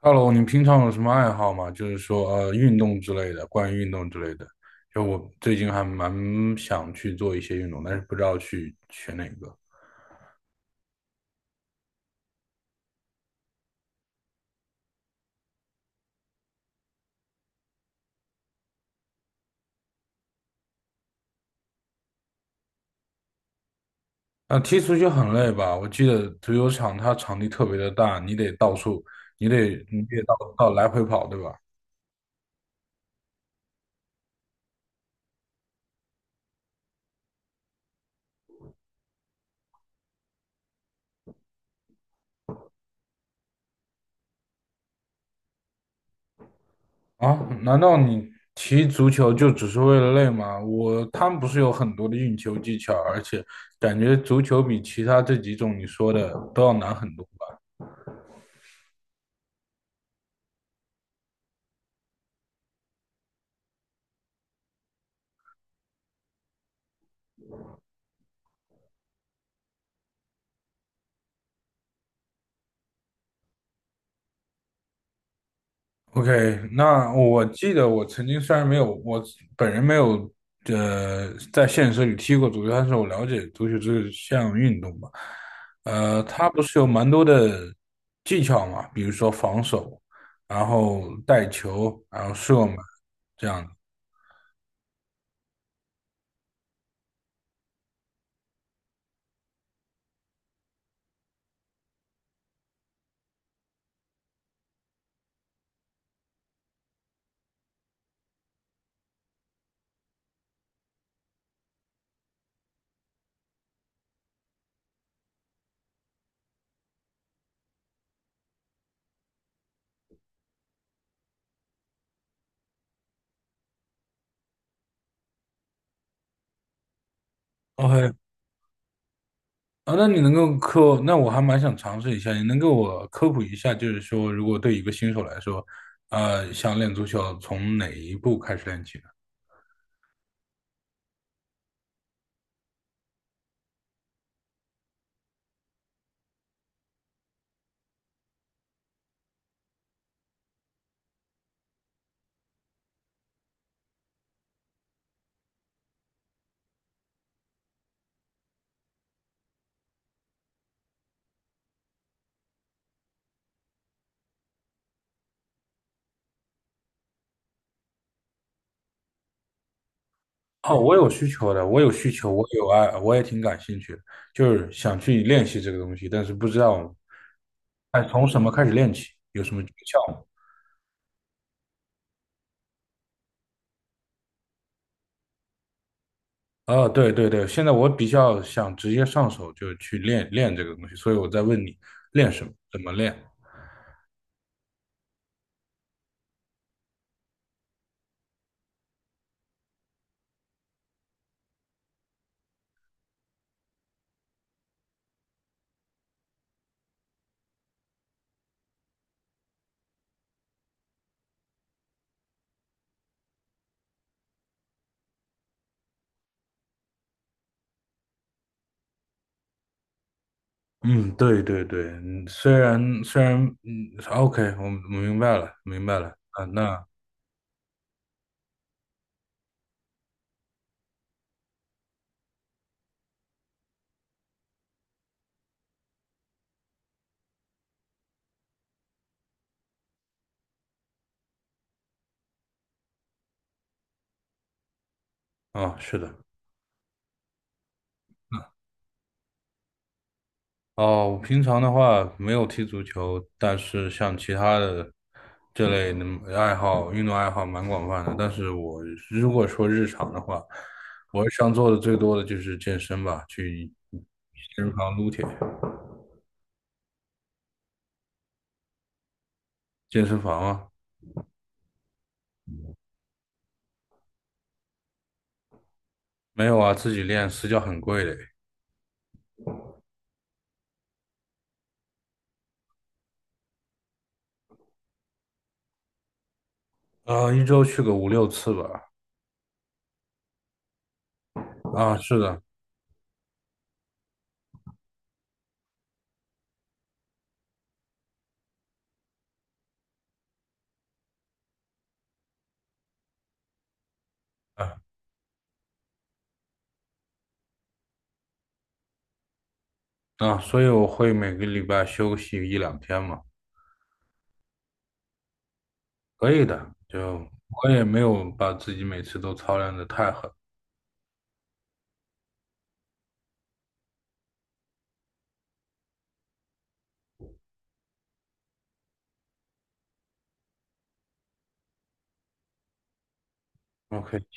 Hello，你平常有什么爱好吗？就是说，运动之类的，关于运动之类的。就我最近还蛮想去做一些运动，但是不知道去选哪个。啊，踢足球很累吧？我记得足球场它场地特别的大，你得到处，你得到来回跑，对吧？啊，难道你踢足球就只是为了累吗？他们不是有很多的运球技巧，而且感觉足球比其他这几种你说的都要难很多。OK，那我记得我曾经虽然没有我本人没有在现实里踢过足球，但是我了解足球这项运动吧。它不是有蛮多的技巧嘛，比如说防守，然后带球，然后射门这样的。OK，啊，那你能够科，那我还蛮想尝试一下，你能给我科普一下，就是说如果对一个新手来说，想练足球从哪一步开始练起？哦，我有需求的，我有需求，我有爱，我也挺感兴趣的，就是想去练习这个东西，但是不知道哎从什么开始练起，有什么诀窍吗？哦，对对对，现在我比较想直接上手就去练练这个东西，所以我在问你练什么，怎么练？嗯，对对对，嗯虽然虽然嗯，OK，我明白了，明白了，啊，啊，是的。哦，我平常的话没有踢足球，但是像其他的这类的爱好，运动爱好蛮广泛的。但是如果说日常的话，我日常做的最多的就是健身吧，去健身房撸铁。健身房啊，没有啊，自己练私教很贵的，啊，一周去个五六次吧。啊，是的，啊啊，所以我会每个礼拜休息一两天嘛，可以的。就我也没有把自己每次都操练的太狠。OK。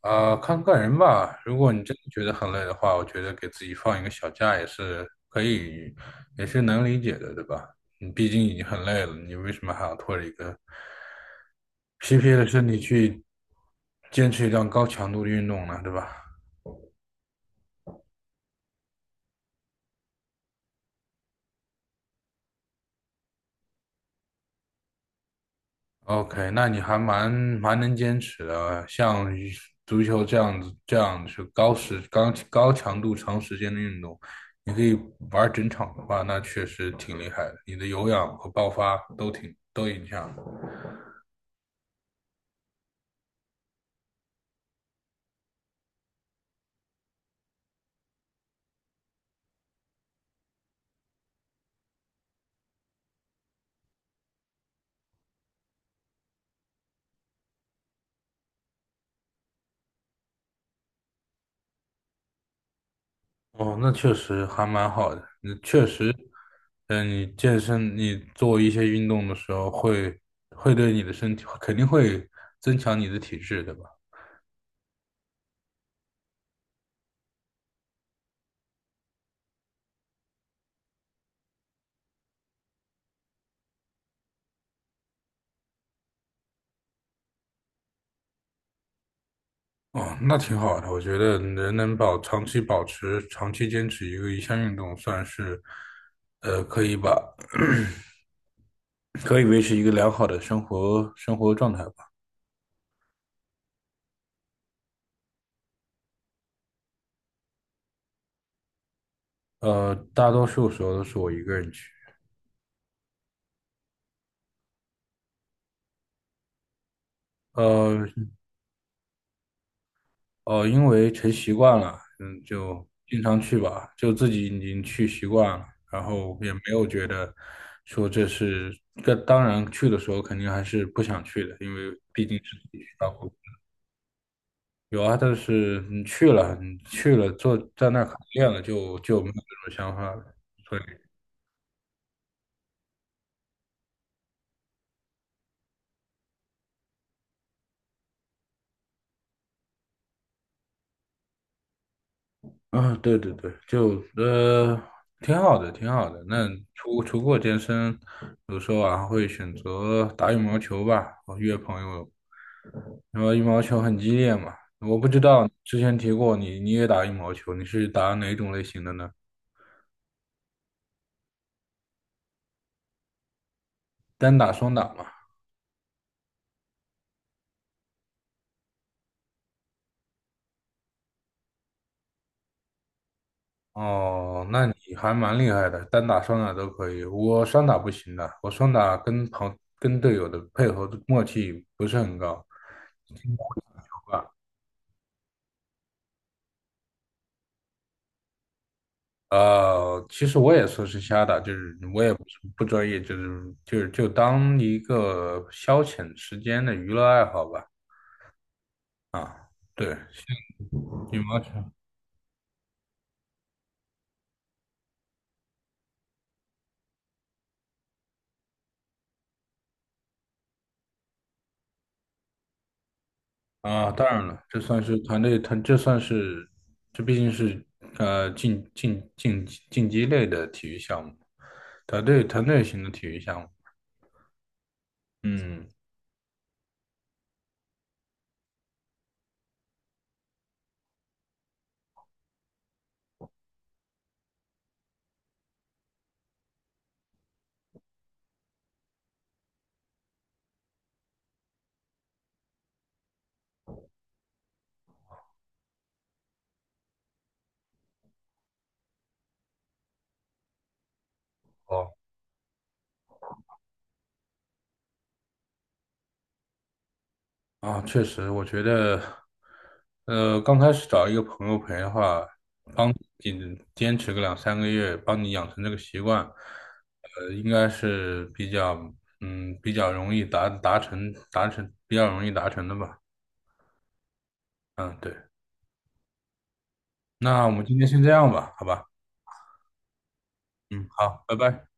啊，看个人吧。如果你真的觉得很累的话，我觉得给自己放一个小假也是可以，也是能理解的，对吧？你毕竟已经很累了，你为什么还要拖着一个疲惫的身体去坚持一段高强度的运动呢？对吧？OK，那你还蛮能坚持的，像足球这样子，这样是高强度、长时间的运动，你可以玩整场的话，那确实挺厉害的，你的有氧和爆发都影响。哦，那确实还蛮好的，那确实。嗯，你健身，你做一些运动的时候会对你的身体肯定会增强你的体质，对吧？哦，那挺好的。我觉得人能长期保持、长期坚持一项运动，算是，可以把 可以维持一个良好的生活状态吧。大多数时候都是我一个人去，呃因为成习惯了，嗯，就经常去吧，就自己已经去习惯了，然后也没有觉得说这当然去的时候肯定还是不想去的，因为毕竟是自己去照顾。有啊，但是你去了，你去了，坐在那儿烤练了，就没有这种想法了。所以啊，对对对，就挺好的，挺好的。那除过健身，有时候啊会选择打羽毛球吧，我约朋友。然后羽毛球很激烈嘛，我不知道之前提过你，你也打羽毛球，你是打哪种类型的呢？单打、双打吗？哦，那你还蛮厉害的，单打双打都可以。我双打不行的，我双打跟队友的配合的默契不是很高。其实我也说是瞎打，就是我也不是不专业，就是就当一个消遣时间的娱乐爱好吧。啊，对，羽毛球。啊，当然了，这算是团队，这毕竟是竞技类的体育项目，团队型的体育项目。嗯，哦啊，确实，我觉得，刚开始找一个朋友陪的话，帮你坚持个两三个月，帮你养成这个习惯，应该是比较比较容易达达成达成比较容易达成的吧。嗯，对，那我们今天先这样吧，好吧。嗯，好，拜拜。